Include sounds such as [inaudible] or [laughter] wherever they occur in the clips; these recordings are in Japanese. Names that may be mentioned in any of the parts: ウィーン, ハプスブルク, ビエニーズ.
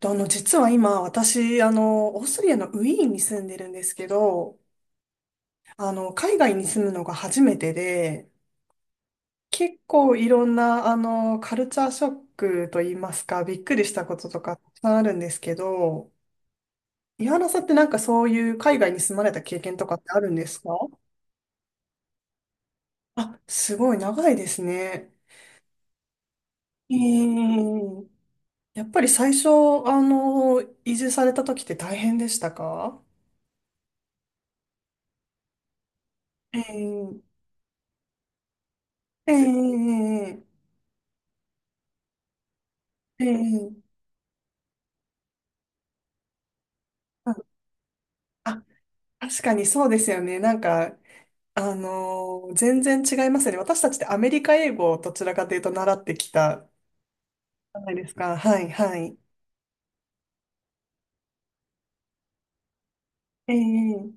と実は今、私、オーストリアのウィーンに住んでるんですけど、海外に住むのが初めてで、結構いろんな、カルチャーショックといいますか、びっくりしたこととかたくさんあるんですけど、井原さんってなんかそういう海外に住まれた経験とかってあるんですか？あ、すごい長いですね。えー、やっぱり最初、移住された時って大変でしたか？えー、えー、えー、えーうん。あ、確かにそうですよね。なんか、全然違いますよね。私たちってアメリカ英語をどちらかというと習ってきたじゃないですか。はい、はい。ええ。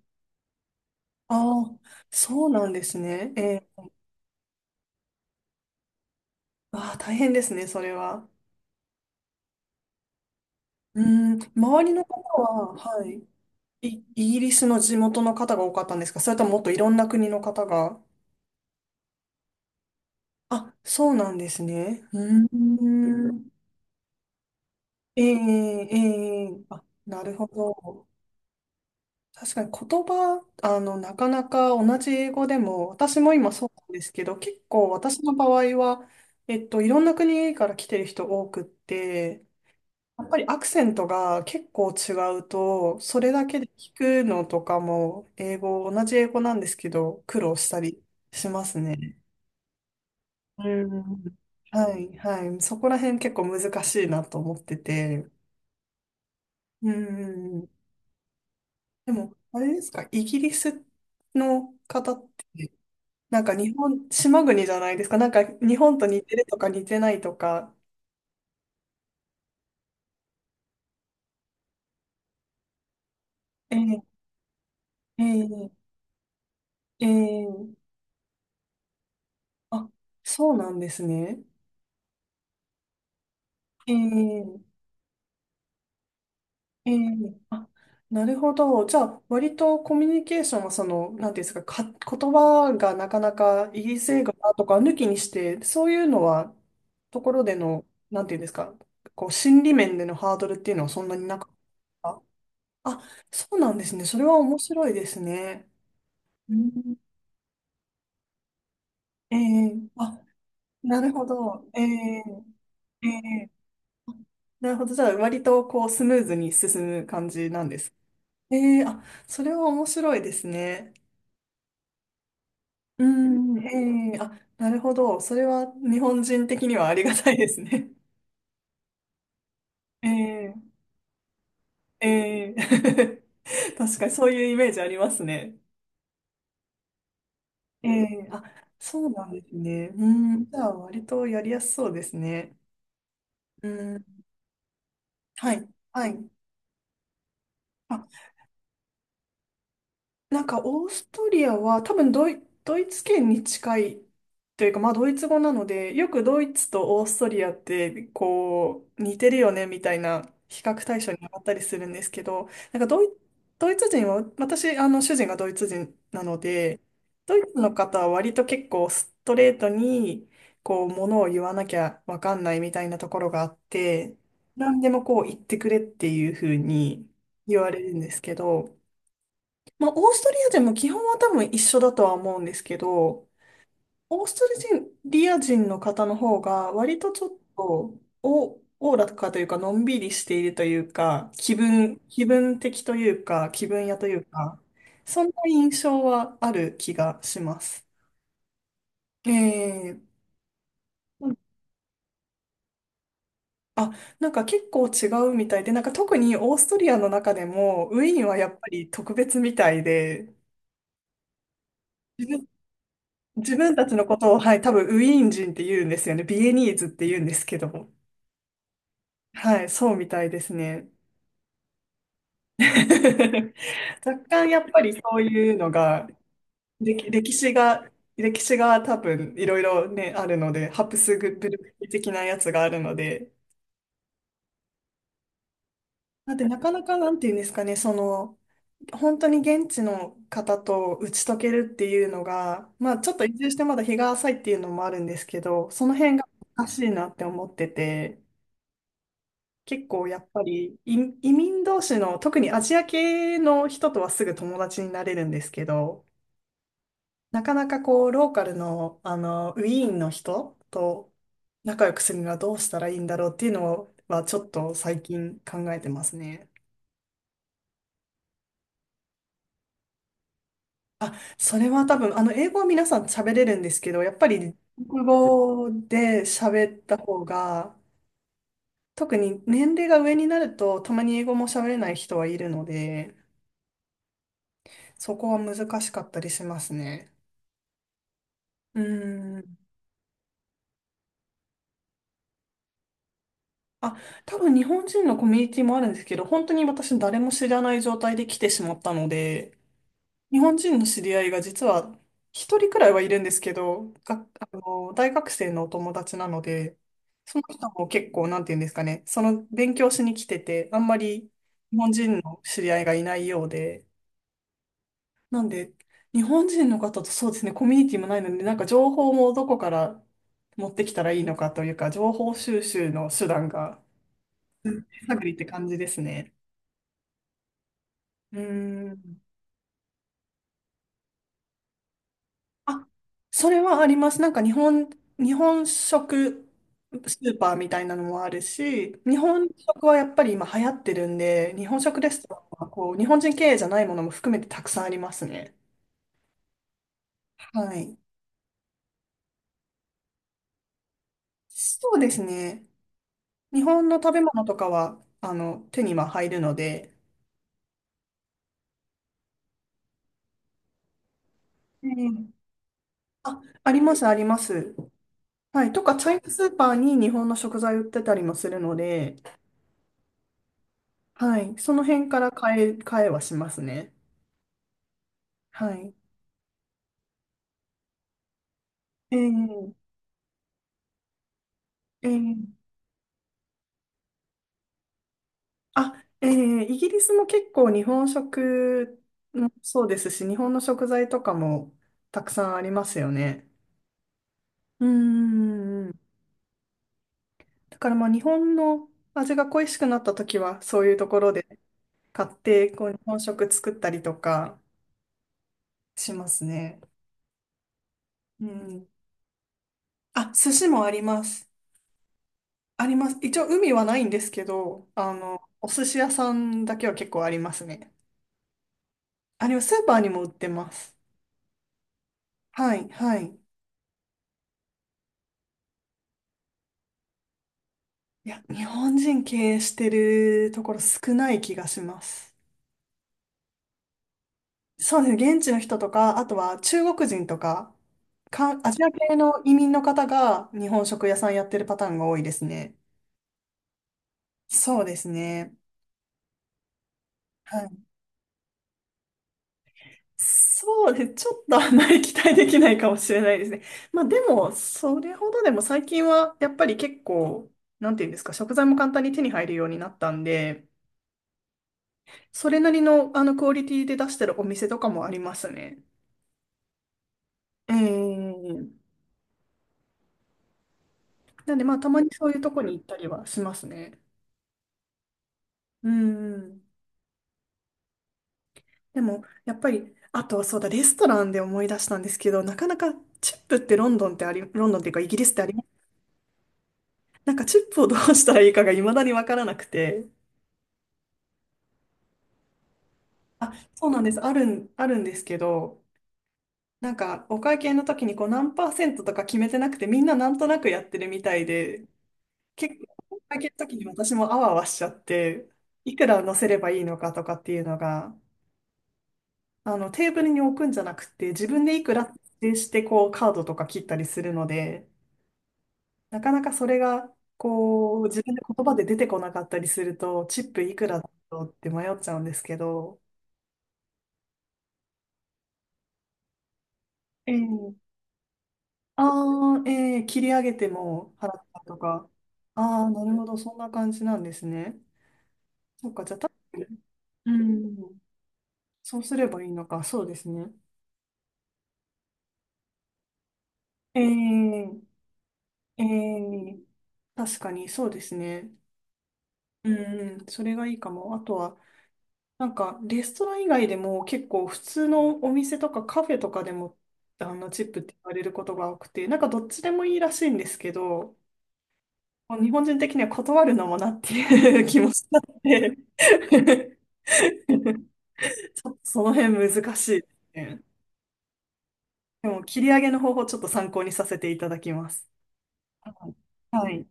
ああ、そうなんですね。ええ。ああ、大変ですね、それは。うん、周りの方は、はい、い、イギリスの地元の方が多かったんですか？それとももっといろんな国の方が。あ、そうなんですね。うん、ええ、ええ。あ、なるほど。確かに言葉、なかなか同じ英語でも、私も今そうなんですけど、結構私の場合は、いろんな国から来てる人多くって、やっぱりアクセントが結構違うと、それだけで聞くのとかも、英語、同じ英語なんですけど、苦労したりしますね。うん。はい、はい。そこら辺結構難しいなと思ってて。うん。でも、あれですか、イギリスの方って、なんか日本、島国じゃないですか。なんか日本と似てるとか似てないとか。ええ、ええ、ええ、あ、そうなんですね。ええ、ええ、あ、なるほど。じゃあ、割とコミュニケーションはその、なんていうんですか、言葉がなかなかイギリス英語だとか抜きにして、そういうのは、ところでの、なんていうんですか、こう、心理面でのハードルっていうのはそんなになかった。あ、そうなんですね。それは面白いですね。うん。ええ。あ、なるほど。ええ、ええ。なるほど。じゃあ、割とこう、スムーズに進む感じなんです。ええ。あ、それは面白いですね。うん、ええ。あ、なるほど。それは日本人的にはありがたいですね。[laughs] ええ、ええ。 [laughs] 確かにそういうイメージありますね。ええ。あ、そうなんですね。うん、じゃあ、割とやりやすそうですね。うん、はい、はい。なんかオーストリアは多分ドイツ圏に近いというか、まあドイツ語なので、よくドイツとオーストリアってこう似てるよねみたいな比較対象になったりするんですけど、なんかドイツ人は、私、あの主人がドイツ人なので、ドイツの方は割と結構ストレートにこうものを言わなきゃわかんないみたいなところがあって、何でもこう言ってくれっていうふうに言われるんですけど、まあ、オーストリア人も基本は多分一緒だとは思うんですけど、オーストリア人の方の方が割とちょっとお、おおらかというか、のんびりしているというか、気分的というか、気分屋というか、そんな印象はある気がします。ええ。あ、なんか結構違うみたいで、なんか特にオーストリアの中でも、ウィーンはやっぱり特別みたいで、自分たちのことを、はい、多分ウィーン人って言うんですよね。ビエニーズって言うんですけども。はい、そうみたいですね。[laughs] 若干やっぱりそういうのが、歴史が、歴史が多分いろいろね、あるので、ハプスブルク的なやつがあるので、だってなかなかなんていうんですかね、その、本当に現地の方と打ち解けるっていうのが、まあちょっと移住してまだ日が浅いっていうのもあるんですけど、その辺が難しいなって思ってて、結構やっぱり移民同士の特にアジア系の人とはすぐ友達になれるんですけど、なかなかこうローカルの、あのウィーンの人と仲良くするにはどうしたらいいんだろうっていうのはちょっと最近考えてますね。あ、それは多分あの英語は皆さん喋れるんですけど、やっぱり国語で喋った方が特に年齢が上になるとたまに英語も喋れない人はいるので、そこは難しかったりしますね。うーん。あ、多分日本人のコミュニティもあるんですけど、本当に私誰も知らない状態で来てしまったので、日本人の知り合いが実は一人くらいはいるんですけど、が、あの、大学生のお友達なので、その人も結構、なんていうんですかね、その勉強しに来てて、あんまり日本人の知り合いがいないようで、なんで、日本人の方とそうですね、コミュニティもないので、なんか情報もどこから持ってきたらいいのかというか、情報収集の手段が、探りって感じですね。うーん。あ、それはあります。なんか日本、日本食スーパーみたいなのもあるし、日本食はやっぱり今流行ってるんで、日本食レストランはこう、日本人経営じゃないものも含めてたくさんありますね。はい。そうですね。日本の食べ物とかは、手には入るので。ええ。あ、あります、あります。はい。とか、チャイナスーパーに日本の食材売ってたりもするので、はい。その辺から変えはしますね。はい。ええ、ええ。あ、ええイギリスも結構日本食もそうですし、日本の食材とかもたくさんありますよね。うーん。だからまあ日本の味が恋しくなった時は、そういうところで買って、こう日本食作ったりとかしますね。うん。あ、寿司もあります。あります。一応海はないんですけど、お寿司屋さんだけは結構ありますね。あれはスーパーにも売ってます。はい、はい。いや、日本人経営してるところ少ない気がします。そうですね。現地の人とか、あとは中国人とか、か、アジア系の移民の方が日本食屋さんやってるパターンが多いですね。そうですね。そうです。ちょっとあまり期待できないかもしれないですね。まあでも、それほどでも最近はやっぱり結構、なんていうんですか、食材も簡単に手に入るようになったんで、それなりのあのクオリティで出してるお店とかもありますね。ええ。なんでまあたまにそういうとこに行ったりはしますね。うんうん。でも、やっぱり、あとそうだ、レストランで思い出したんですけど、なかなかチップってロンドンっていうかイギリスってあり、なんかチップをどうしたらいいかが未だにわからなくて。あ、そうなんです。あるんですけど、なんかお会計の時にこう何パーセントとか決めてなくて、みんななんとなくやってるみたいで、結構お会計の時に私もあわあわしちゃって、いくら乗せればいいのかとかっていうのが、あのテーブルに置くんじゃなくて、自分でいくら指定してこうカードとか切ったりするので、なかなかそれがこう自分で言葉で出てこなかったりすると、チップいくらだろうって迷っちゃうんですけど、ええ。ああ、えー切り上げても払ったとか。ああ、なるほど、そんな感じなんですね。そっか、じゃあ、うん、そうすればいいのか、そうですね。えー、えー、確かにそうですね。うん、それがいいかも。あとは、なんか、レストラン以外でも結構普通のお店とかカフェとかでも、チップって言われることが多くて、なんかどっちでもいいらしいんですけど、もう日本人的には断るのもなっていう [laughs] 気もしたので [laughs] ちょっとその辺難しいですね。でも、切り上げの方法ちょっと参考にさせていただきます。はい。はい